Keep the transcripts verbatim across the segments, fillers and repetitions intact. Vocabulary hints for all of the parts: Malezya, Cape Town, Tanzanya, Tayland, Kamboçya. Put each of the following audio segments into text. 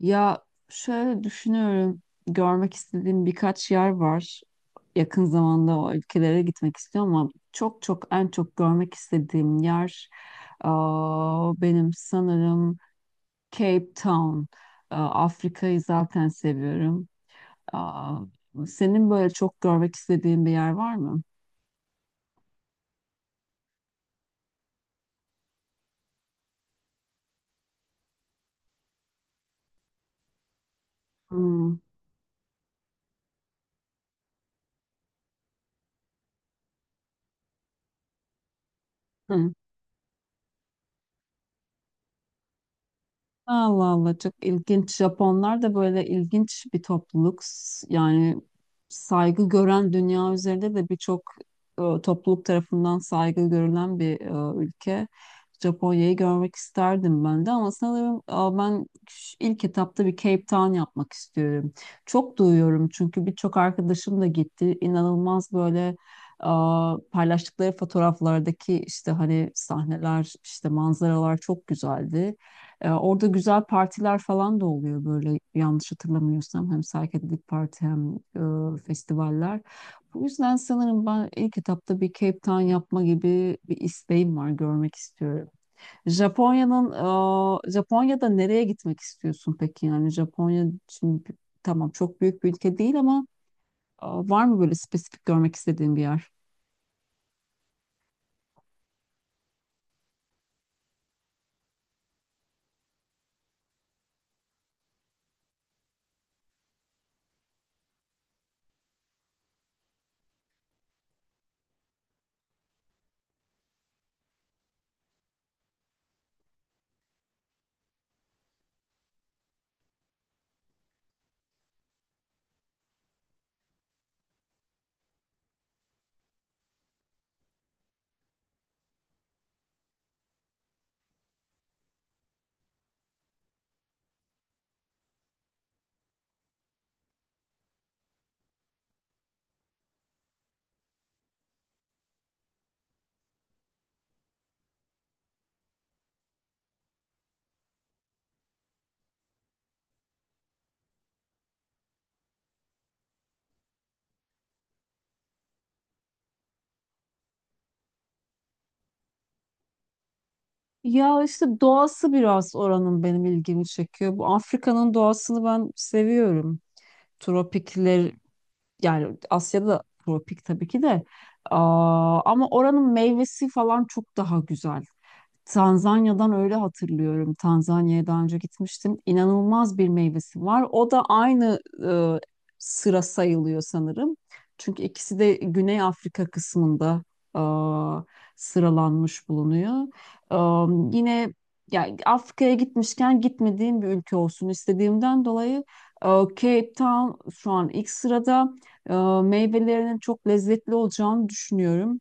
Ya, şöyle düşünüyorum. Görmek istediğim birkaç yer var. Yakın zamanda o ülkelere gitmek istiyorum ama çok çok en çok görmek istediğim yer aa, benim sanırım Cape Town. Aa, Afrika'yı zaten seviyorum. Aa, Senin böyle çok görmek istediğin bir yer var mı? Hmm. Allah Allah, çok ilginç. Japonlar da böyle ilginç bir topluluk. S- Yani saygı gören, dünya üzerinde de birçok e, topluluk tarafından saygı görülen bir e, ülke. Japonya'yı görmek isterdim ben de ama sanırım e, ben ş- ilk etapta bir Cape Town yapmak istiyorum. Çok duyuyorum çünkü birçok arkadaşım da gitti. İnanılmaz böyle e, paylaştıkları fotoğraflardaki işte hani sahneler, işte manzaralar çok güzeldi. Ee, orada güzel partiler falan da oluyor böyle, yanlış hatırlamıyorsam. Hem psychedelic parti hem e, festivaller. Bu yüzden sanırım ben ilk etapta bir Cape Town yapma gibi bir isteğim var. Görmek istiyorum. Japonya'nın e, Japonya'da nereye gitmek istiyorsun peki? Yani Japonya şimdi tamam, çok büyük bir ülke değil ama e, var mı böyle spesifik görmek istediğin bir yer? Ya işte doğası biraz oranın benim ilgimi çekiyor. Bu Afrika'nın doğasını ben seviyorum. Tropikler, yani Asya'da tropik tabii ki de. Aa, ama oranın meyvesi falan çok daha güzel. Tanzanya'dan öyle hatırlıyorum. Tanzanya'ya daha önce gitmiştim. İnanılmaz bir meyvesi var. O da aynı e, sıra sayılıyor sanırım. Çünkü ikisi de Güney Afrika kısmında e, sıralanmış bulunuyor. E, Yine, yani Afrika'ya gitmişken gitmediğim bir ülke olsun istediğimden dolayı e, Cape Town şu an ilk sırada. E, Meyvelerinin çok lezzetli olacağını düşünüyorum,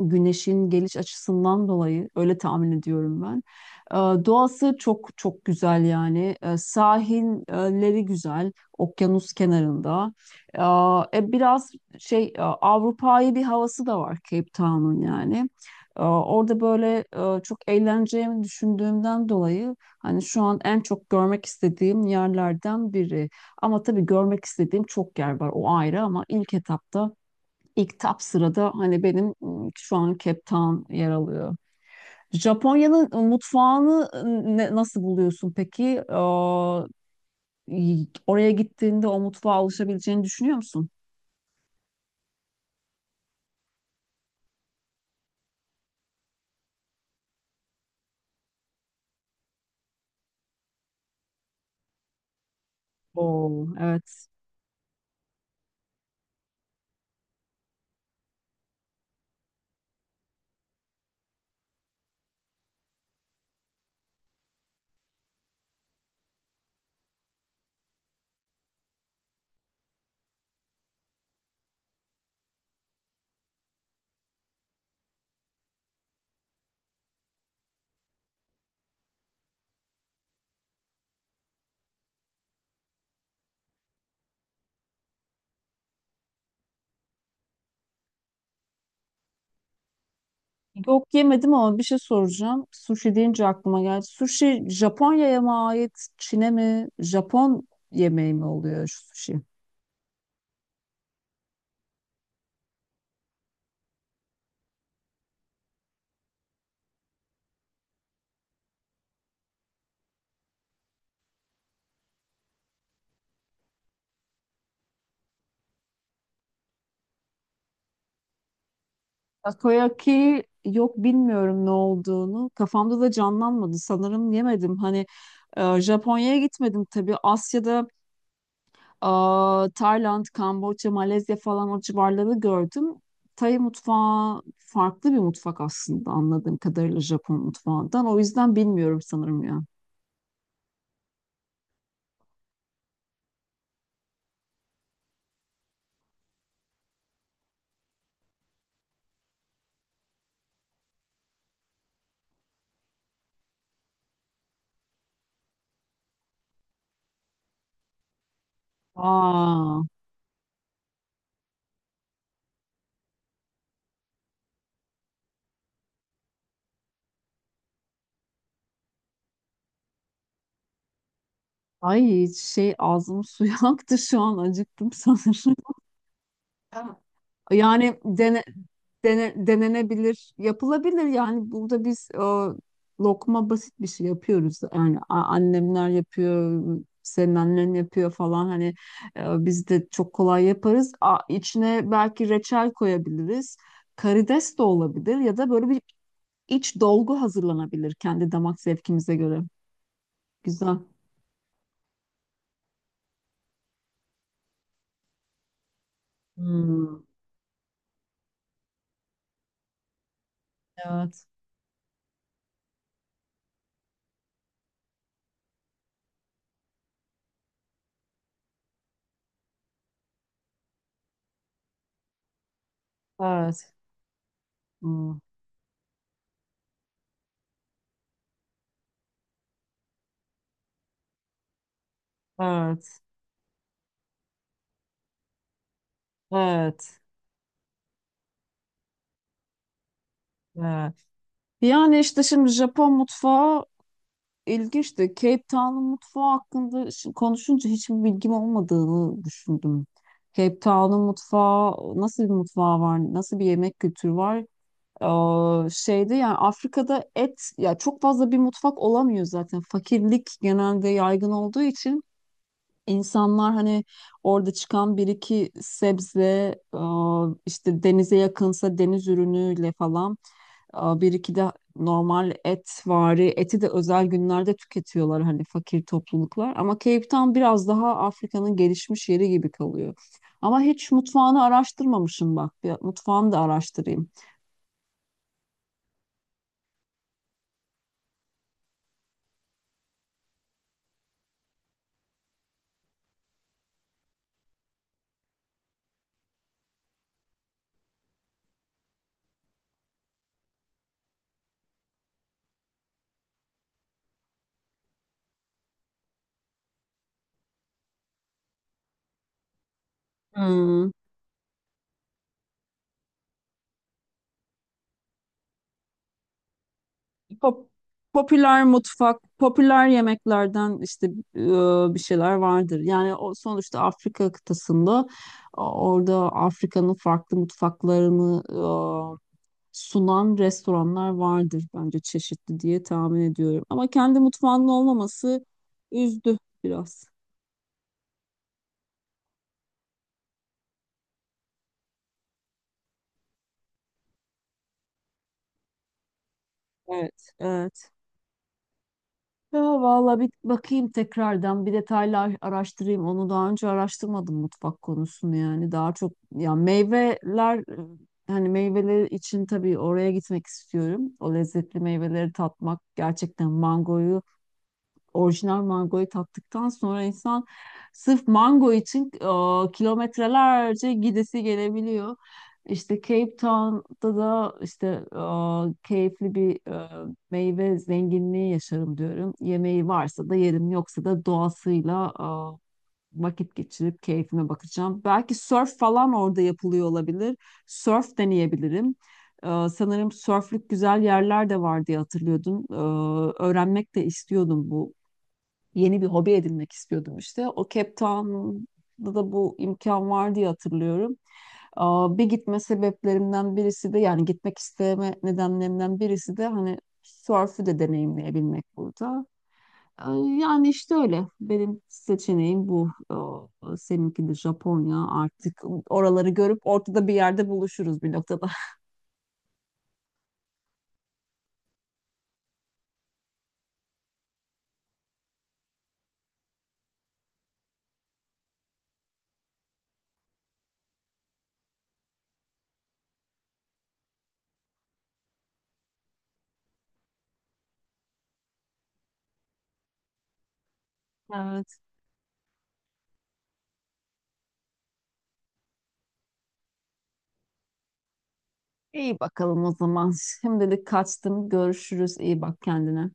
güneşin geliş açısından dolayı öyle tahmin ediyorum ben. Ee, Doğası çok çok güzel yani. Ee, sahilleri güzel, okyanus kenarında. Ee, e, biraz şey e, Avrupa'yı bir havası da var Cape Town'un yani. Ee, orada böyle e, çok eğleneceğimi düşündüğümden dolayı hani şu an en çok görmek istediğim yerlerden biri. Ama tabii görmek istediğim çok yer var, o ayrı, ama ilk etapta, İlk top sırada hani benim ım, şu an Cape Town yer alıyor. Japonya'nın ı, mutfağını ı, ne- nasıl buluyorsun peki? Aa, y- Oraya gittiğinde o mutfağa alışabileceğini düşünüyor musun? Oo, evet. Yok, yemedim ama bir şey soracağım. Sushi deyince aklıma geldi. Sushi Japonya'ya mı ait, Çin'e mi? Japon yemeği mi oluyor şu sushi? Takoyaki, yok bilmiyorum ne olduğunu. Kafamda da canlanmadı. Sanırım yemedim. Hani e, Japonya'ya gitmedim tabii. Asya'da e, Tayland, Kamboçya, Malezya falan o civarları gördüm. Tay mutfağı farklı bir mutfak aslında anladığım kadarıyla Japon mutfağından. O yüzden bilmiyorum sanırım ya. Aa, Ay şey, ağzım suyu aktı, şu an acıktım sanırım. Yani dene, dene- denenebilir, yapılabilir. Yani burada biz e, lokma basit bir şey yapıyoruz. Yani a- annemler yapıyor, senin annen yapıyor falan. Hani e, biz de çok kolay yaparız. A, içine belki reçel koyabiliriz. Karides de olabilir ya da böyle bir iç dolgu hazırlanabilir kendi damak zevkimize göre. Güzel. Hmm. Evet. Evet. Hmm. Evet, evet, evet. Yani işte şimdi Japon mutfağı İlginçti. Cape Town'un mutfağı hakkında şi- konuşunca hiçbir bilgim olmadığını düşündüm. Cape Town'un mutfağı, nasıl bir mutfağı var? Nasıl bir yemek kültürü var? Ee, şeyde, yani Afrika'da et, ya çok fazla bir mutfak olamıyor zaten. Fakirlik genelde yaygın olduğu için insanlar hani orada çıkan bir iki sebze, e, işte denize yakınsa deniz ürünüyle falan. Aa, Bir iki de normal et vari eti de özel günlerde tüketiyorlar hani fakir topluluklar. Ama Cape Town biraz daha Afrika'nın gelişmiş yeri gibi kalıyor. Ama hiç mutfağını araştırmamışım bak. Bir mutfağını da araştırayım. Hmm. pop- Popüler mutfak, popüler yemeklerden işte e, bir şeyler vardır. Yani o sonuçta Afrika kıtasında, o- orada Afrika'nın farklı mutfaklarını sunan restoranlar vardır bence çeşitli, diye tahmin ediyorum. Ama kendi mutfağının olmaması üzdü biraz. Evet, evet. Ya valla bir bakayım tekrardan, bir detaylı ar- araştırayım. Onu daha önce araştırmadım, mutfak konusunu yani. Daha çok ya meyveler, e, hani meyveler için tabii oraya gitmek istiyorum. O lezzetli meyveleri tatmak, gerçekten mangoyu, orijinal mangoyu tattıktan sonra insan sırf mango için e, kilometrelerce gidesi gelebiliyor. İşte Cape Town'da da işte e, keyifli bir e, meyve zenginliği yaşarım diyorum. Yemeği varsa da yerim, yoksa da doğasıyla e, vakit geçirip keyfime bakacağım. Belki surf falan orada yapılıyor olabilir. Surf deneyebilirim. Ee, sanırım sörflük güzel yerler de var diye hatırlıyordum. Ee, öğrenmek de istiyordum bu, yeni bir hobi edinmek istiyordum işte. O Cape Town'da da bu imkan var diye hatırlıyorum. Aa, Bir gitme sebeplerimden birisi de, yani gitmek isteme nedenlerimden birisi de hani sörfü de deneyimleyebilmek burada. Ee, Yani işte öyle. Benim seçeneğim bu. Ee, Seninki de Japonya. Artık oraları görüp ortada bir yerde buluşuruz bir noktada. Evet. İyi bakalım o zaman. Şimdilik kaçtım. Görüşürüz. İyi bak kendine.